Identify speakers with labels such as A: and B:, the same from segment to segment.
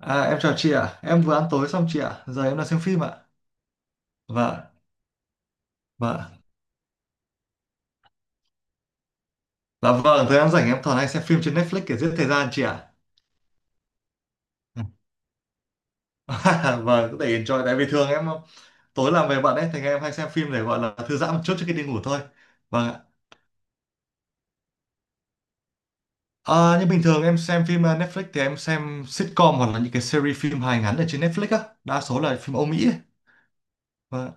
A: À, em chào chị ạ. Em vừa ăn tối xong chị ạ. Giờ em đang xem phim ạ. Vâng, vâng. Dạ vâng, thời gian rảnh em thường hay xem phim trên Netflix để giết thời gian chị ạ. Vâng, có thể enjoy. Tại vì thường em tối làm về bận ấy, thì em hay xem phim để gọi là thư giãn một chút trước khi đi ngủ thôi. Vâng ạ. À, nhưng bình thường em xem phim Netflix thì em xem sitcom hoặc là những cái series phim hài ngắn ở trên Netflix á. Đa số là phim Âu Mỹ ấy. Vâng.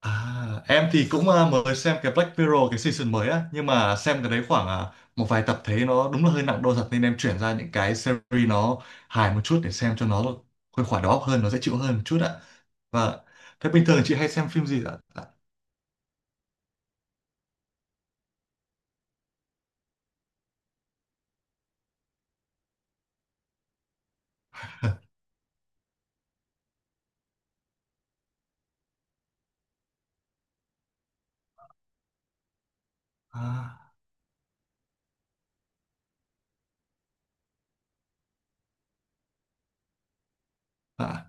A: À, em thì cũng mới xem cái Black Mirror cái season mới á nhưng mà xem cái đấy khoảng một vài tập thấy nó đúng là hơi nặng đô thật nên em chuyển ra những cái series nó hài một chút để xem cho nó khuây khỏa đầu óc hơn nó dễ chịu hơn một chút ạ. Và thế bình thường chị hay xem phim gì ạ? À, à,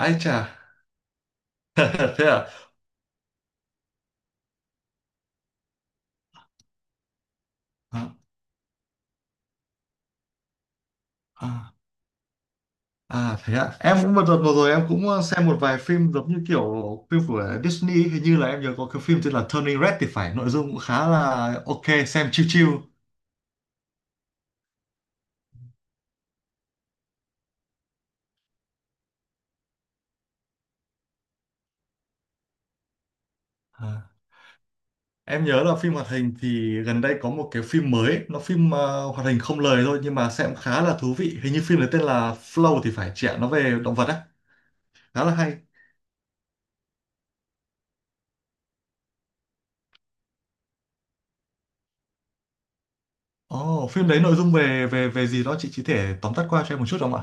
A: ai chà. Thế à? À, à. À, thế ạ, em cũng một đợt vừa rồi em cũng xem một vài phim giống như kiểu phim của Disney, hình như là em nhớ có cái phim tên là Turning Red thì phải, nội dung cũng khá là ok, xem chill chill. Ờ. Em nhớ là phim hoạt hình thì gần đây có một cái phim mới, nó phim hoạt hình không lời thôi nhưng mà xem khá là thú vị. Hình như phim đấy tên là Flow thì phải chị ạ, nó về động vật á, khá là hay. Ồ, phim đấy nội dung về về về gì đó chị chỉ thể tóm tắt qua cho em một chút được không ạ?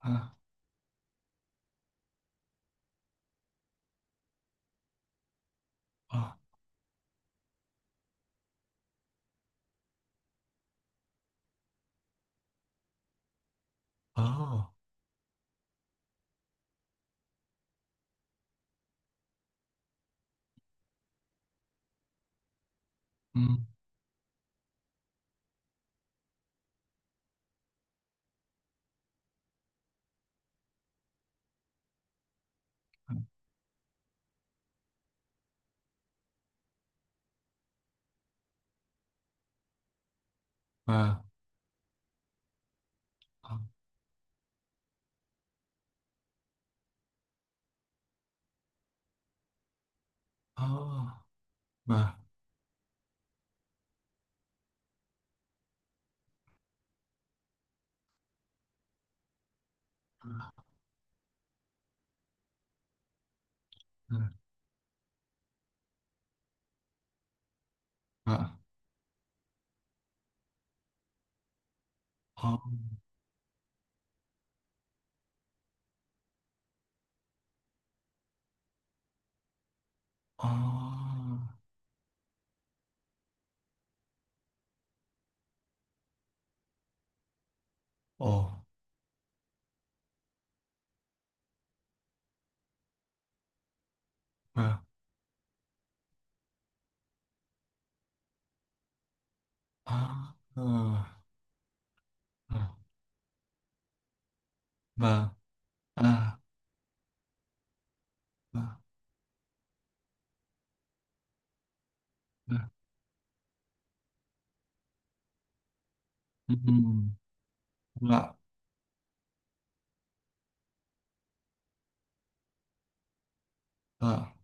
A: À, à, à, ừ, và, à, à, và, và, à, à, à, ồ, và, à, và, à, và, ừ, ừ, và, à, à.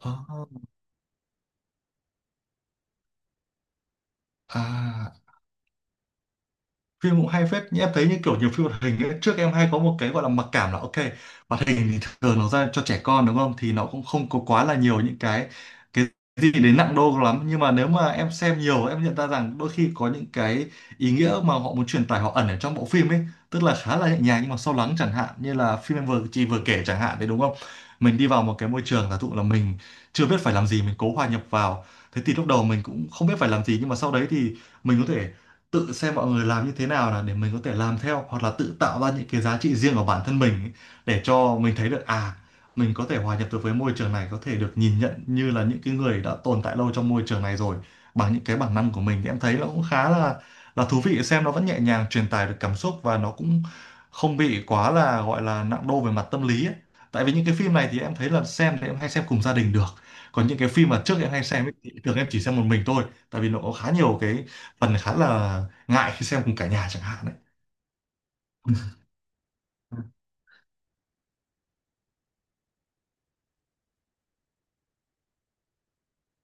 A: À, à, phim cũng hay phết nhưng em thấy như kiểu nhiều phim hoạt hình ấy, trước em hay có một cái gọi là mặc cảm là ok, hoạt hình thì thường nó ra cho trẻ con đúng không, thì nó cũng không có quá là nhiều những cái gì đến nặng đô lắm, nhưng mà nếu mà em xem nhiều em nhận ra rằng đôi khi có những cái ý nghĩa mà họ muốn truyền tải họ ẩn ở trong bộ phim ấy, tức là khá là nhẹ nhàng nhưng mà sâu lắng, chẳng hạn như là phim em vừa chị vừa kể chẳng hạn đấy đúng không. Mình đi vào một cái môi trường giả dụ là mình chưa biết phải làm gì mình cố hòa nhập vào, thế thì lúc đầu mình cũng không biết phải làm gì nhưng mà sau đấy thì mình có thể tự xem mọi người làm như thế nào là để mình có thể làm theo hoặc là tự tạo ra những cái giá trị riêng của bản thân mình ấy, để cho mình thấy được à mình có thể hòa nhập được với môi trường này, có thể được nhìn nhận như là những cái người đã tồn tại lâu trong môi trường này rồi bằng những cái bản năng của mình, thì em thấy nó cũng khá là thú vị, xem nó vẫn nhẹ nhàng truyền tải được cảm xúc và nó cũng không bị quá là gọi là nặng đô về mặt tâm lý ấy. Tại vì những cái phim này thì em thấy là xem thì em hay xem cùng gia đình được, còn những cái phim mà trước em hay xem ấy, thì thường em chỉ xem một mình thôi tại vì nó có khá nhiều cái phần khá là ngại khi xem cùng cả nhà chẳng hạn đấy.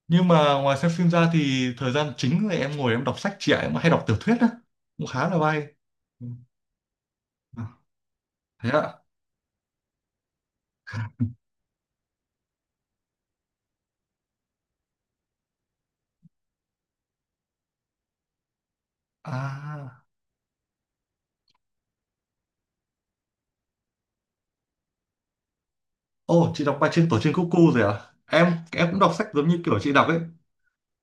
A: Nhưng mà ngoài xem phim ra thì thời gian chính là em ngồi em đọc sách chị ạ, em hay đọc tiểu thuyết á, cũng khá là hay. Ừ. À, thế ạ. À, ô chị đọc bài trên tổ chim cuckoo rồi à, em cũng đọc sách giống như kiểu chị đọc ấy,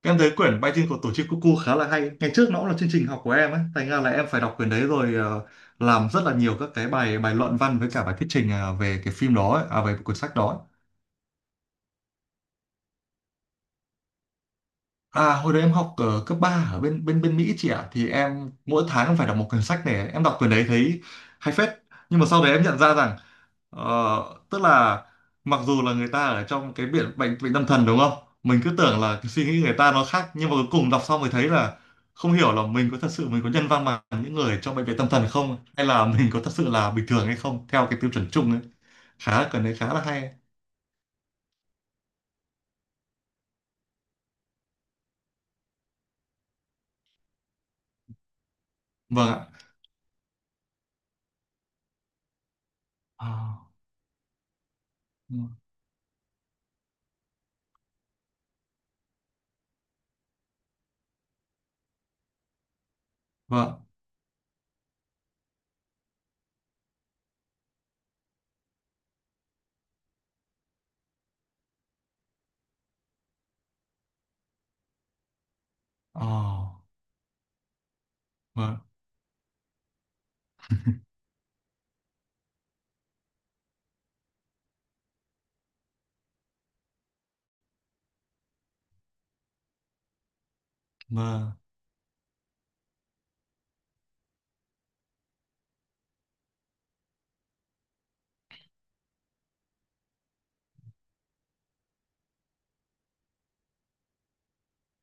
A: em thấy quyển bài trên của tổ chim cuckoo khá là hay, ngày trước nó cũng là chương trình học của em ấy thành ra là em phải đọc quyển đấy rồi, làm rất là nhiều các cái bài bài luận văn với cả bài thuyết trình về cái phim đó ấy, à về cuốn sách đó ấy. À, hồi đấy em học ở cấp 3 ở bên bên bên Mỹ chị ạ, thì em mỗi tháng em phải đọc một quyển sách này, em đọc quyển đấy thấy hay phết, nhưng mà sau đấy em nhận ra rằng tức là mặc dù là người ta ở trong cái bệnh bệnh bệnh tâm thần đúng không, mình cứ tưởng là cái suy nghĩ người ta nó khác nhưng mà cuối cùng đọc xong mới thấy là không hiểu là mình có thật sự mình có nhân văn bằng những người trong bệnh viện tâm thần không, hay là mình có thật sự là bình thường hay không theo cái tiêu chuẩn chung ấy. Khá cần đấy, khá là hay. Vâng ạ. Ờ, vâng. Ờ, vâng, vâng,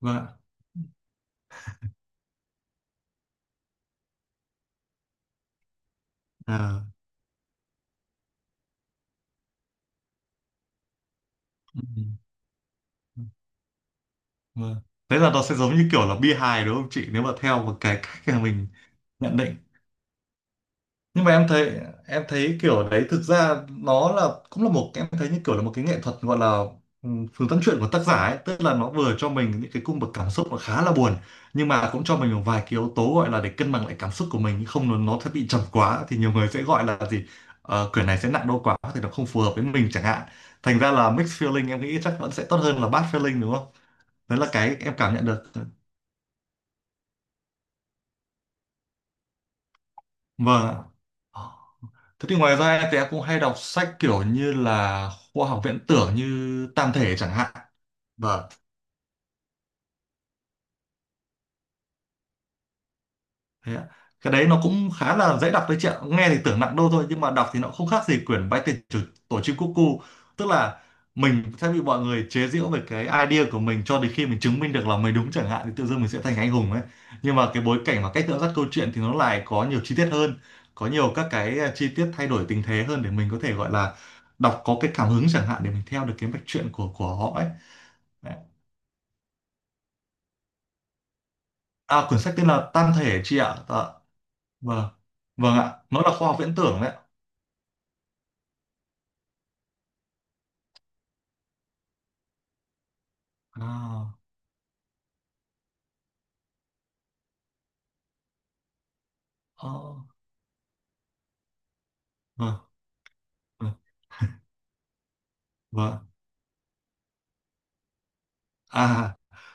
A: vâng ạ, à, ừ, ừ, vâng. Thế là nó sẽ giống như kiểu là bi hài đúng không chị nếu mà theo một cái cách mà mình nhận định. Nhưng mà em thấy, kiểu đấy thực ra nó là cũng là một, em thấy như kiểu là một cái nghệ thuật gọi là ừ, phương tâm chuyện của tác giả ấy, tức là nó vừa cho mình những cái cung bậc cảm xúc nó khá là buồn nhưng mà cũng cho mình một vài cái yếu tố gọi là để cân bằng lại cảm xúc của mình, không nó nó sẽ bị trầm quá thì nhiều người sẽ gọi là gì. Ờ, quyển này sẽ nặng đô quá thì nó không phù hợp với mình chẳng hạn, thành ra là mixed feeling em nghĩ chắc vẫn sẽ tốt hơn là bad feeling đúng không, đấy là cái em cảm nhận được. Vâng ạ. Thế thì ngoài ra thì em cũng hay đọc sách kiểu như là khoa học viễn tưởng như Tam Thể chẳng hạn. Vâng. Thế ạ. Cái đấy nó cũng khá là dễ đọc đấy chị ạ. Nghe thì tưởng nặng đô thôi nhưng mà đọc thì nó không khác gì quyển Bách tiền chủ tổ chim cúc cu. Tức là mình sẽ bị mọi người chế giễu về cái idea của mình cho đến khi mình chứng minh được là mình đúng chẳng hạn, thì tự dưng mình sẽ thành anh hùng ấy. Nhưng mà cái bối cảnh và cách dẫn dắt câu chuyện thì nó lại có nhiều chi tiết hơn, có nhiều các cái chi tiết thay đổi tình thế hơn để mình có thể gọi là đọc có cái cảm hứng chẳng hạn để mình theo được cái mạch truyện của họ ấy. Đấy. À, quyển sách tên là Tam Thể chị ạ. Dạ. Vâng. Vâng ạ. Nó là khoa học viễn tưởng đấy ạ. À. Ờ, ờ, ờ, vâng. À,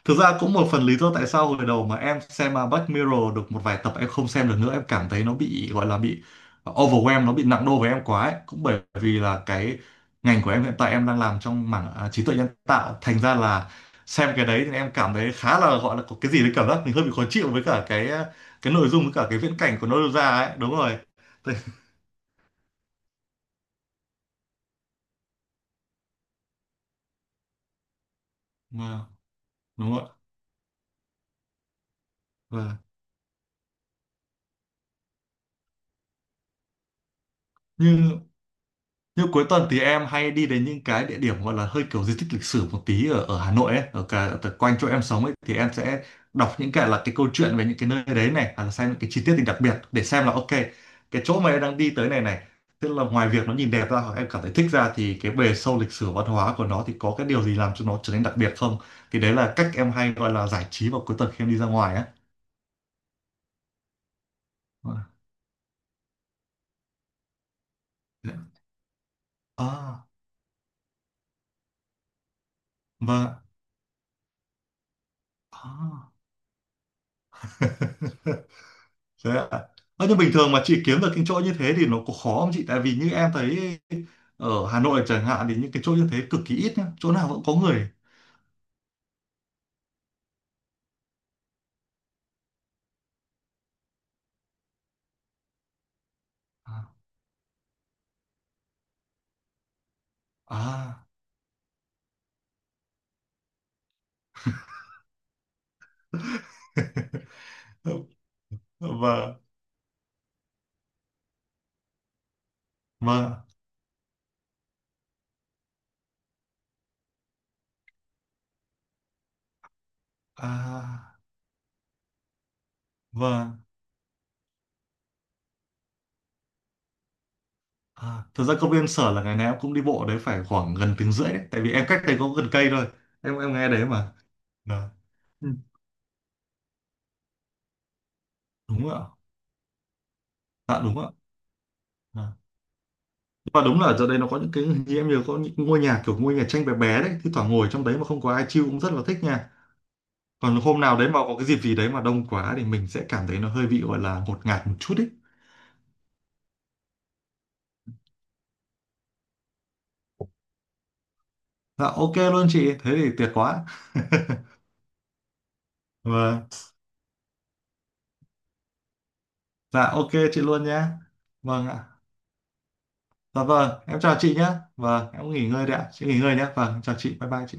A: thực ra cũng một phần lý do tại sao hồi đầu mà em xem Black Mirror được một vài tập em không xem được nữa, em cảm thấy nó bị gọi là bị overwhelm, nó bị nặng đô với em quá ấy. Cũng bởi vì là cái ngành của em hiện tại em đang làm trong mảng trí tuệ nhân tạo, thành ra là xem cái đấy thì em cảm thấy khá là gọi là có cái gì đấy cảm giác mình hơi bị khó chịu với cả cái cái nội dung với cả cái viễn cảnh của nó đưa ra ấy, đúng rồi. Thế- vâng, đúng rồi. Vâng. Như như cuối tuần thì em hay đi đến những cái địa điểm gọi là hơi kiểu di tích lịch sử một tí ở ở Hà Nội ấy, ở cả ở quanh chỗ em sống ấy, thì em sẽ đọc những cái là cái câu chuyện về những cái nơi đấy này, hoặc là xem những cái chi tiết thì đặc biệt để xem là ok cái chỗ mà em đang đi tới này này, tức là ngoài việc nó nhìn đẹp ra hoặc em cảm thấy thích ra thì cái bề sâu lịch sử văn hóa của nó thì có cái điều gì làm cho nó trở nên đặc biệt không? Thì đấy là cách em hay gọi là giải trí vào cuối tuần khi em đi ra ngoài á. À, vâng. À. Thế ạ. Ơ, nhưng bình thường mà chị kiếm được những chỗ như thế thì nó có khó không chị? Tại vì như em thấy ở Hà Nội chẳng hạn thì những cái chỗ như thế cực kỳ ít nhá. Chỗ nào vẫn có người. À, à, và, và, à, và, à. Thật ra công viên Sở là ngày nào em cũng đi bộ đấy phải khoảng gần tiếng rưỡi đấy. Tại vì em cách đây có gần cây thôi. Em nghe đấy mà. Đó. Ừ, đúng ạ. Dạ đúng ạ. À. Và đúng là ở chỗ đây nó có những cái như em nhớ có những ngôi nhà kiểu ngôi nhà tranh bé bé đấy. Thì thoảng ngồi trong đấy mà không có ai chill cũng rất là thích nha. Còn hôm nào đấy mà có cái dịp gì đấy mà đông quá thì mình sẽ cảm thấy nó hơi bị gọi là ngột ngạt một chút ý. Dạ ok luôn chị thế thì tuyệt quá. Vâng. Dạ ok chị luôn nhé. Vâng ạ. Dạ vâng em chào chị nhé. Vâng em nghỉ ngơi đấy ạ, chị nghỉ ngơi nhé, vâng chào chị, bye bye chị.